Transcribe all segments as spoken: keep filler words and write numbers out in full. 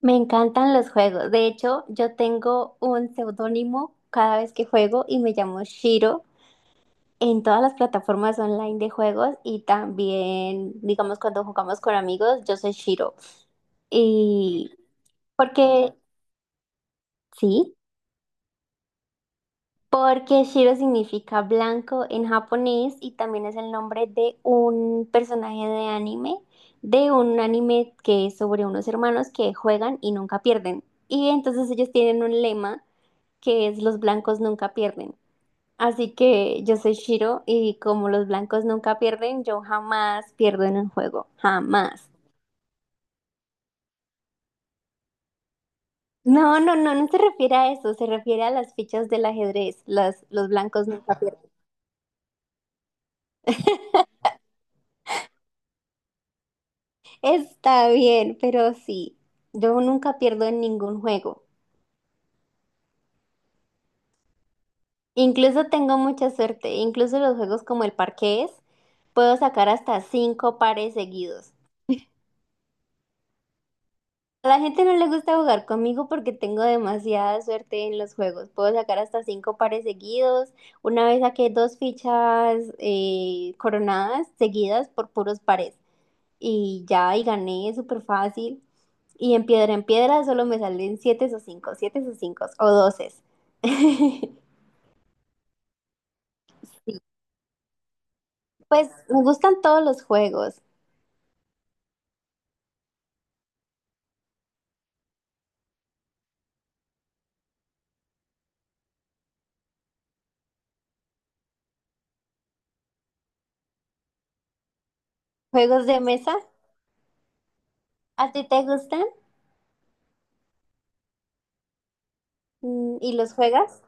Me encantan los juegos. De hecho, yo tengo un seudónimo cada vez que juego y me llamo Shiro en todas las plataformas online de juegos y también, digamos, cuando jugamos con amigos, yo soy Shiro. Y porque, sí, porque Shiro significa blanco en japonés y también es el nombre de un personaje de anime, de un anime que es sobre unos hermanos que juegan y nunca pierden. Y entonces ellos tienen un lema que es los blancos nunca pierden. Así que yo soy Shiro y, como los blancos nunca pierden, yo jamás pierdo en un juego, jamás. No, no, no, no se refiere a eso, se refiere a las fichas del ajedrez, las, los blancos nunca pierden. Está bien, pero sí, yo nunca pierdo en ningún juego. Incluso tengo mucha suerte, incluso los juegos como el parqués, puedo sacar hasta cinco pares seguidos. A la gente no le gusta jugar conmigo porque tengo demasiada suerte en los juegos. Puedo sacar hasta cinco pares seguidos. Una vez saqué dos fichas eh, coronadas seguidas por puros pares. Y ya, y gané súper fácil. Y en piedra en piedra solo me salen siete o cinco, siete o cinco o doce. Pues me gustan todos los juegos. Juegos de mesa, ¿a ti te gustan? Mm, ¿Y los juegas?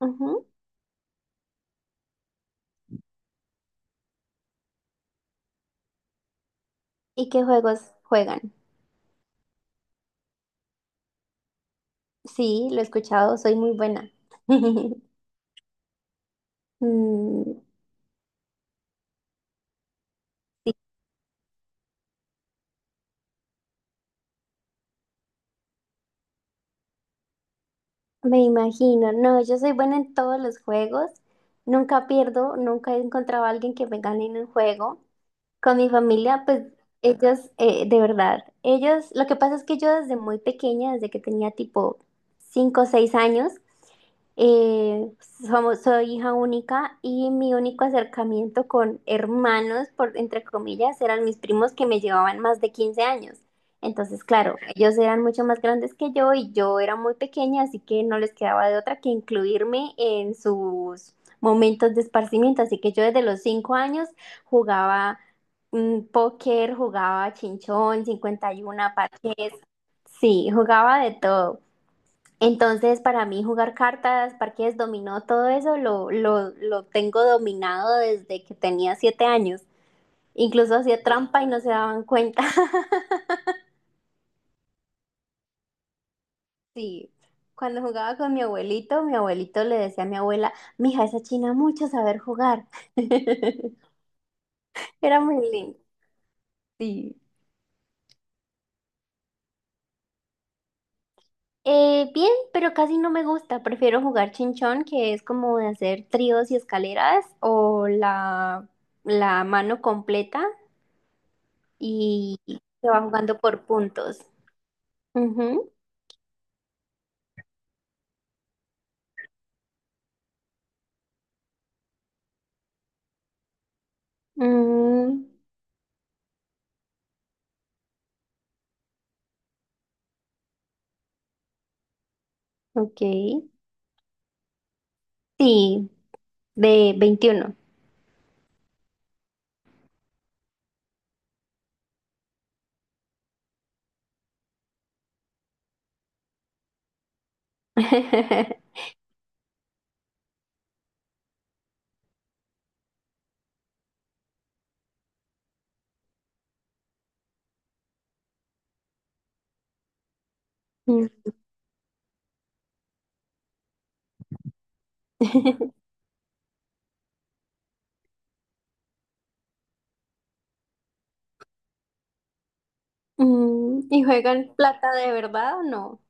Ujú. ¿Y qué juegos juegan? Sí, lo he escuchado, soy muy buena. Mm, sí, me imagino. No, yo soy buena en todos los juegos. Nunca pierdo, nunca he encontrado a alguien que me gane en un juego. Con mi familia, pues ellos, eh, de verdad, ellos, lo que pasa es que yo, desde muy pequeña, desde que tenía tipo cinco o seis años, eh, somos, soy hija única y mi único acercamiento con hermanos, por, entre comillas, eran mis primos, que me llevaban más de quince años. Entonces, claro, ellos eran mucho más grandes que yo y yo era muy pequeña, así que no les quedaba de otra que incluirme en sus momentos de esparcimiento. Así que yo, desde los cinco años, jugaba mm, póker, jugaba chinchón, cincuenta y uno, parqués, sí, jugaba de todo. Entonces, para mí, jugar cartas, parqués, dominó, todo eso lo, lo, lo tengo dominado desde que tenía siete años. Incluso hacía trampa y no se daban cuenta. Sí. Cuando jugaba con mi abuelito, mi abuelito le decía a mi abuela: mija, esa china mucho saber jugar. Era muy lindo. Sí. Eh, bien, pero casi no me gusta. Prefiero jugar chinchón, que es como de hacer tríos y escaleras, o la, la mano completa, y se va jugando por puntos. Ujú. Mm, ok. Sí, de veintiuno. Mm. Mm, ¿Y juegan plata de verdad o no?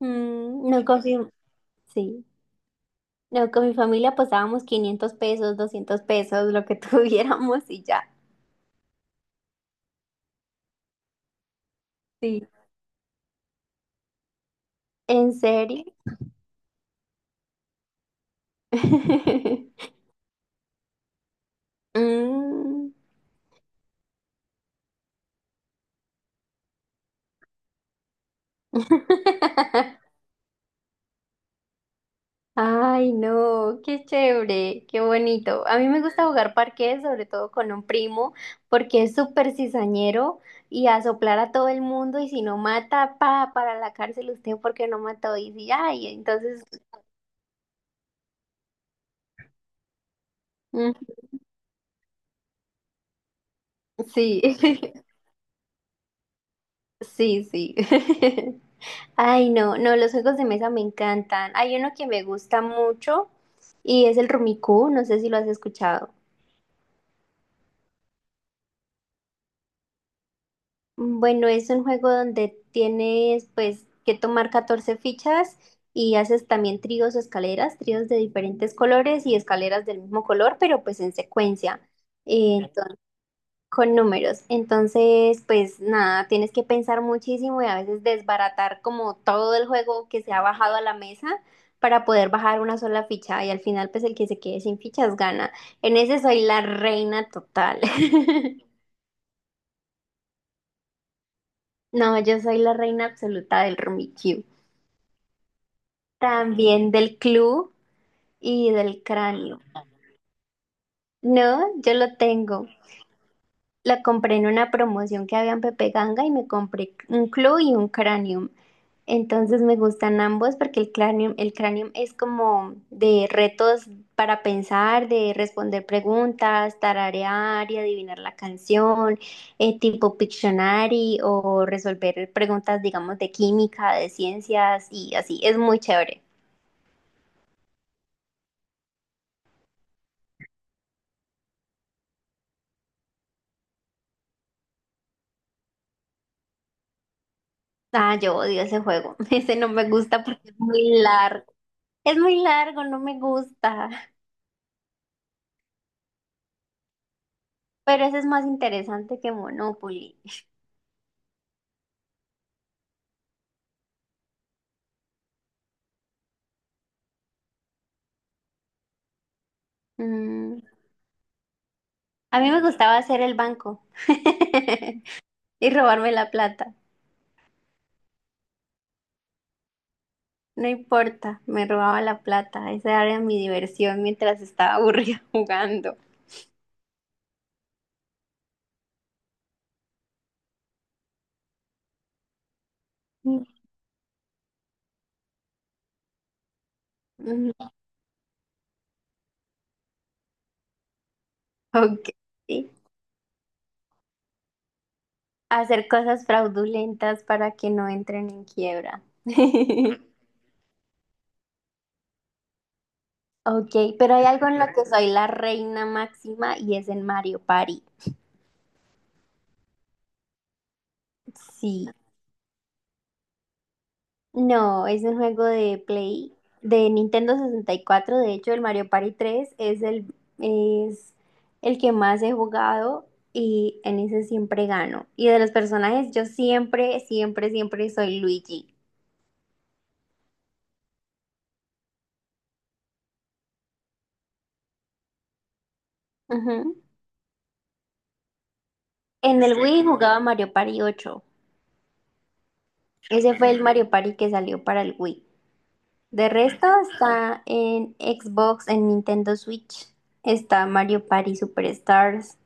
Mm, no confío. Sí. No, con mi familia pasábamos quinientos pesos, doscientos pesos, lo que tuviéramos y ya. Sí. ¿En serio? Mm. Ay, no, qué chévere, qué bonito. A mí me gusta jugar parqués, sobre todo con un primo, porque es súper cizañero y a soplar a todo el mundo, y si no mata, pa, para la cárcel usted porque no mató, y si, ay, entonces, mm, sí, sí, sí. Ay, no, no, los juegos de mesa me encantan. Hay uno que me gusta mucho y es el Rumicú, no sé si lo has escuchado. Bueno, es un juego donde tienes, pues, que tomar catorce fichas y haces también tríos o escaleras, tríos de diferentes colores y escaleras del mismo color, pero pues en secuencia, eh, entonces, con números. Entonces, pues nada, tienes que pensar muchísimo y a veces desbaratar como todo el juego que se ha bajado a la mesa para poder bajar una sola ficha, y al final pues el que se quede sin fichas gana. En ese soy la reina total. No, yo soy la reina absoluta del Rummikub. También del club y del cráneo. No, yo lo tengo. Lo compré en una promoción que había en Pepe Ganga y me compré un club y un cranium. Entonces me gustan ambos porque el cranium, el cranium es como de retos para pensar, de responder preguntas, tararear y adivinar la canción, eh, tipo Pictionary, o resolver preguntas, digamos, de química, de ciencias y así. Es muy chévere. Ah, yo odio ese juego. Ese no me gusta porque es muy largo. Es muy largo, no me gusta. Pero ese es más interesante que Monopoly. Mm, A mí me gustaba hacer el banco y robarme la plata. No importa, me robaba la plata. Esa era mi diversión mientras estaba aburrida jugando. Mm, ok. Hacer cosas fraudulentas para que no entren en quiebra. Ok, pero hay algo en lo que soy la reina máxima y es en Mario Party. Sí. No, es un juego de Play, de Nintendo sesenta y cuatro. De hecho, el Mario Party tres es el, es el que más he jugado, y en ese siempre gano. Y de los personajes, yo siempre, siempre, siempre soy Luigi. Ujú. En el Wii jugaba Mario Party ocho. Ese fue el Mario Party que salió para el Wii. De resto está en Xbox, en Nintendo Switch. Está Mario Party Superstars.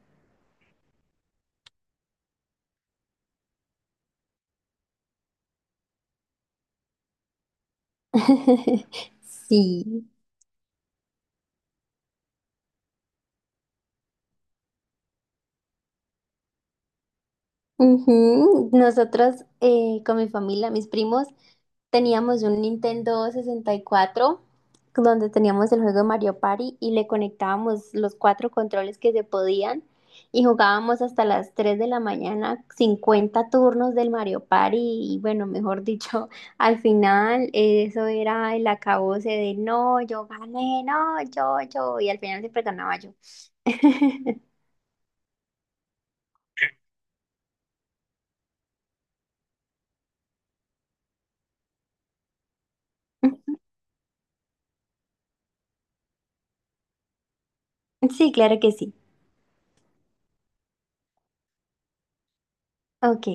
Sí. Ujú. Nosotros, eh, con mi familia, mis primos, teníamos un Nintendo sesenta y cuatro donde teníamos el juego de Mario Party y le conectábamos los cuatro controles que se podían, y jugábamos hasta las tres de la mañana, cincuenta turnos del Mario Party, y bueno, mejor dicho, al final eh, eso era el acabose de: no, yo gané, no, yo, yo y al final siempre ganaba yo. Sí, claro que sí. Ok.